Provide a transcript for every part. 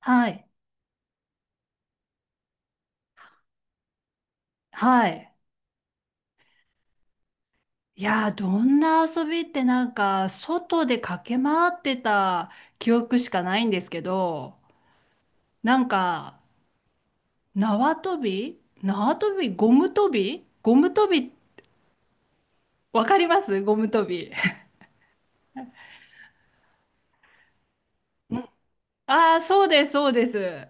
はい。はい。いやー、どんな遊びって、なんか、外で駆け回ってた記憶しかないんですけど、なんか、縄跳び縄跳びゴム跳びゴム跳び、わかります、ゴム跳び。ああ、そうです、そうです。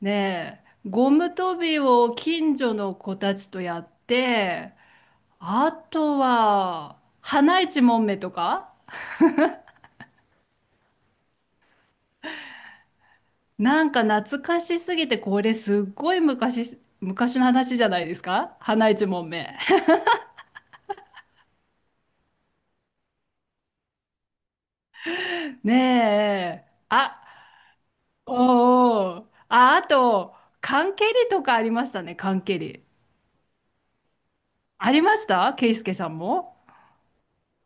ねえ、ゴム跳びを近所の子たちとやって、あとは、花いちもんめとか。なんか懐かしすぎて、これすっごい昔、昔の話じゃないですか、花一問目。ねえ。あ、おーおー。あ、あと、缶蹴りとかありましたね、缶蹴り。ありました、ケイスケさんも。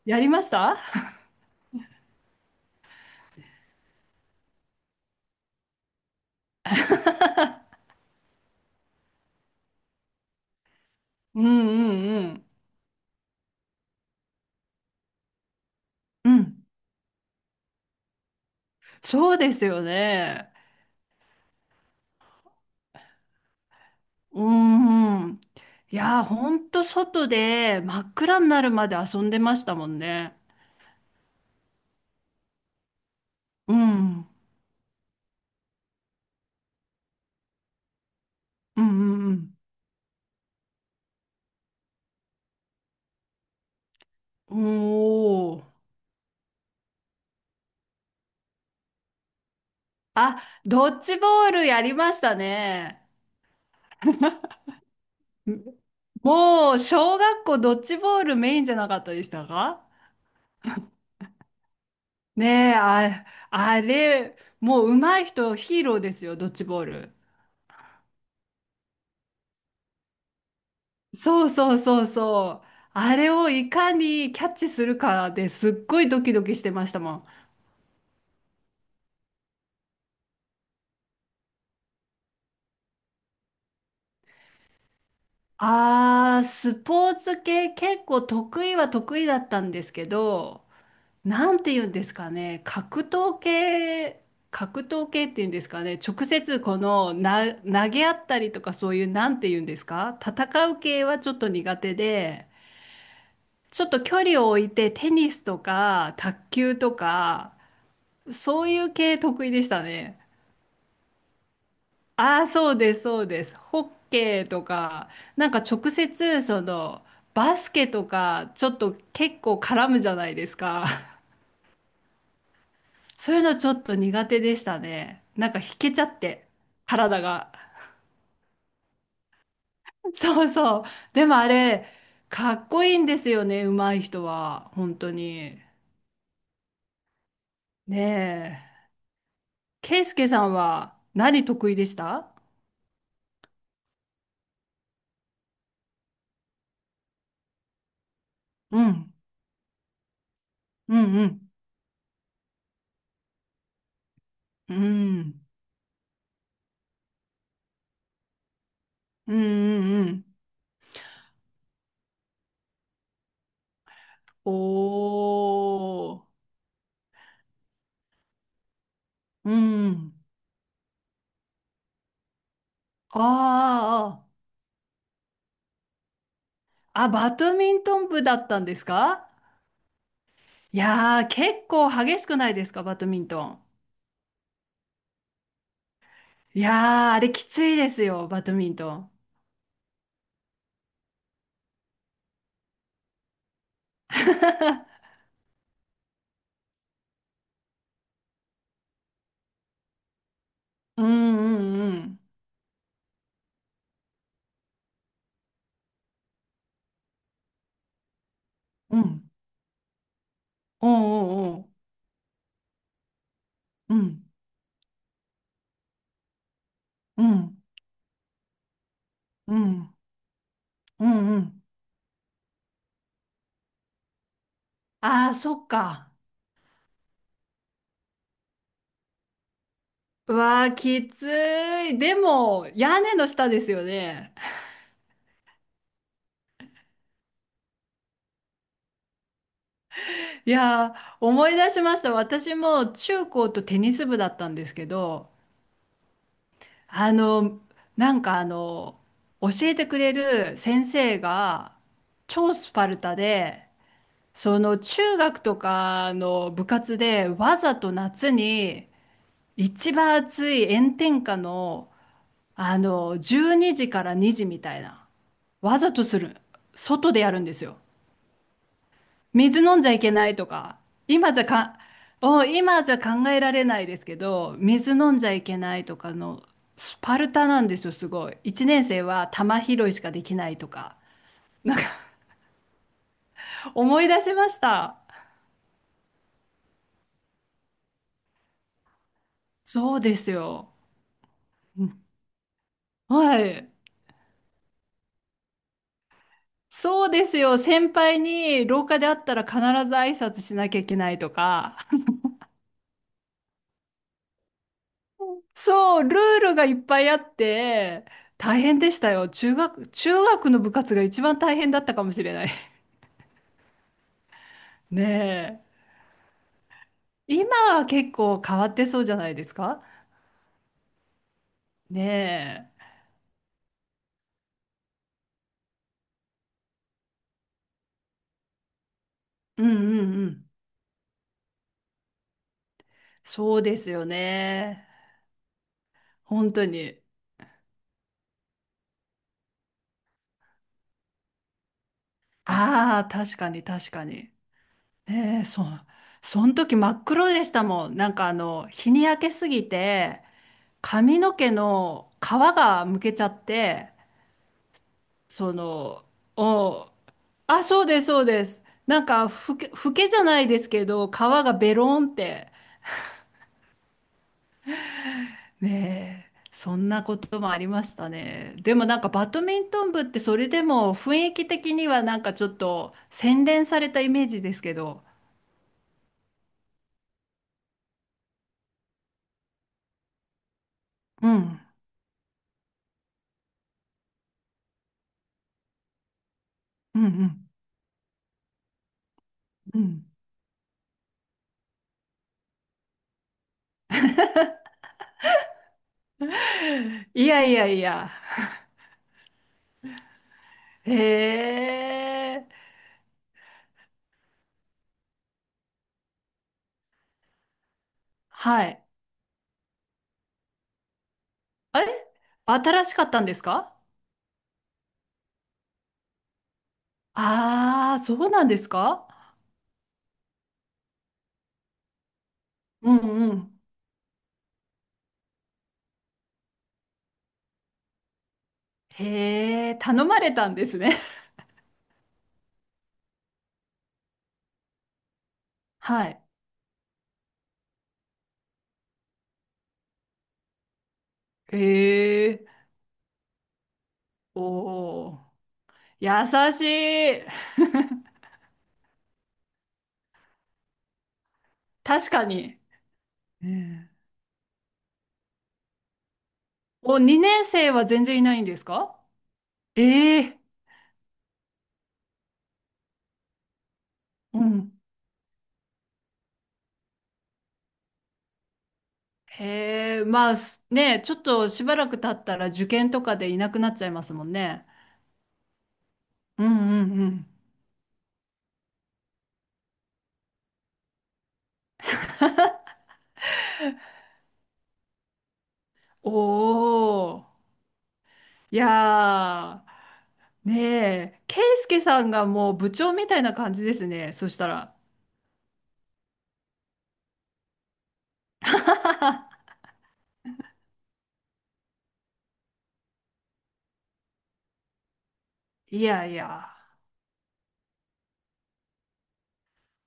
やりました。うんうんうん。うん。そうですよね。うんうん。いやー、ほんと外で真っ暗になるまで遊んでましたもんね。うん。うんうんうん。おー。あ、ドッジボールやりましたね。もう、小学校ドッジボールメインじゃなかったでしたか？ねえ、あ、あれ、もう上手い人ヒーローですよ、ドッジボール。そうそうそうそう。あれをいかにキャッチするかですっごいドキドキしてましたもん。あー、スポーツ系結構得意は得意だったんですけど、なんて言うんですかね、格闘系、格闘系っていうんですかね、直接このな投げ合ったりとか、そういうなんて言うんですか、戦う系はちょっと苦手で、ちょっと距離を置いてテニスとか卓球とか、そういう系得意でしたね。ああ、そうです、そうです。ホッケーとか、なんか直接そのバスケとか、ちょっと結構絡むじゃないですか。そういうのちょっと苦手でしたね。なんか引けちゃって、体が。そうそう。でもあれ、かっこいいんですよね、上手い人は。本当に。ねえ。ケイスケさんは何得意でした？うん。うんうん。うん。うんうんうん。おー。うん。あーあー。あ、バドミントン部だったんですか？いやー、結構激しくないですか、バドミントン。いやー、あれきついですよ、バドミントン。うんうんうん。うん。おうおうおう。うん。うん。うん。うんうん。ああ、そっか。うわあ、きつい。でも、屋根の下ですよね。いやー、思い出しました。私も中高とテニス部だったんですけど、あの、なんか、あの、教えてくれる先生が、超スパルタで、その中学とかの部活でわざと夏に一番暑い炎天下のあの12時から2時みたいな、わざとする、外でやるんですよ。水飲んじゃいけないとか、今じゃか今じゃ考えられないですけど、水飲んじゃいけないとかの、スパルタなんですよ、すごい。1年生は玉拾いしかできないとか、思い出しました。そうですよ。はい。そうですよ。先輩に廊下で会ったら必ず挨拶しなきゃいけないとか。そう、ルールがいっぱいあって、大変でしたよ。中学の部活が一番大変だったかもしれない。ねえ。今は結構変わってそうじゃないですか？ねえ。うんうんうん。そうですよね。本当に。ああ、確かに確かに。ねえ、そう。その時真っ黒でしたもん。なんかあの、日に焼けすぎて、髪の毛の皮がむけちゃって、その、お、あ、そうです、そうです。なんか、ふけじゃないですけど、皮がベロンって、ねえ、そんなこともありましたね。でもなんか、バドミントン部ってそれでも雰囲気的にはなんかちょっと洗練されたイメージですけど、うん、うん、うん、うん。いやいやいや、へえ、はい。あれ、新しかったんですか？ああ、そうなんですか？うんうん。へえ、頼まれたんですね。はい。へえ、おお、優しい。確かに。うん。お、2年生は全然いないんですか？ええ、うん。へえ、まあすね、ちょっとしばらく経ったら受験とかでいなくなっちゃいますもんね。うんうんうん。おお。いやー、ねえ、ケイスケさんがもう部長みたいな感じですね、そしたら。いやいや、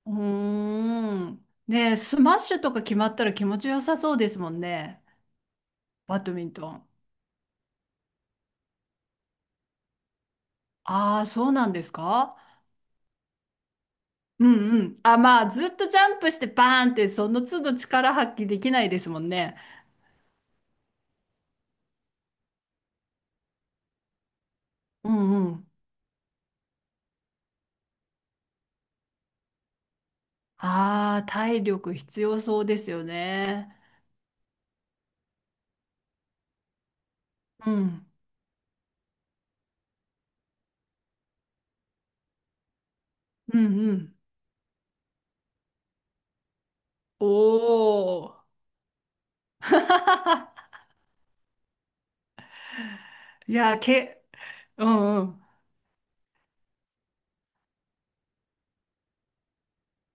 うーん。ねえ、スマッシュとか決まったら気持ちよさそうですもんね、バドミントン。ああ、そうなんですか？うんうん。あ、まあ、ずっとジャンプしてバーンって、その都度力発揮できないですもんね。うんうん。ああ、体力必要そうですよね。うん。うんうん。おー。いや、うんうん。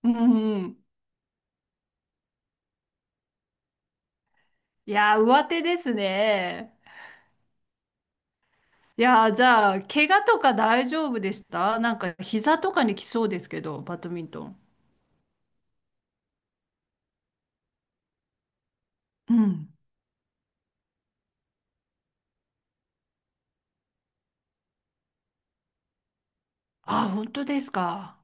うんうん。いや、上手ですね。いや、じゃあ、怪我とか大丈夫でした？なんか、膝とかに来そうですけど、バドミントン。うん。あ、本当ですか。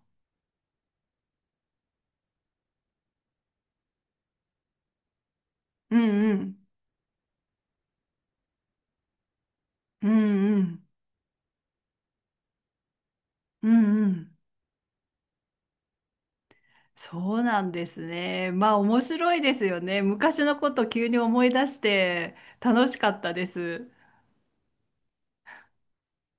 うんうん。うんうん。うんうん。そうなんですね。まあ、面白いですよね。昔のこと急に思い出して、楽しかったです。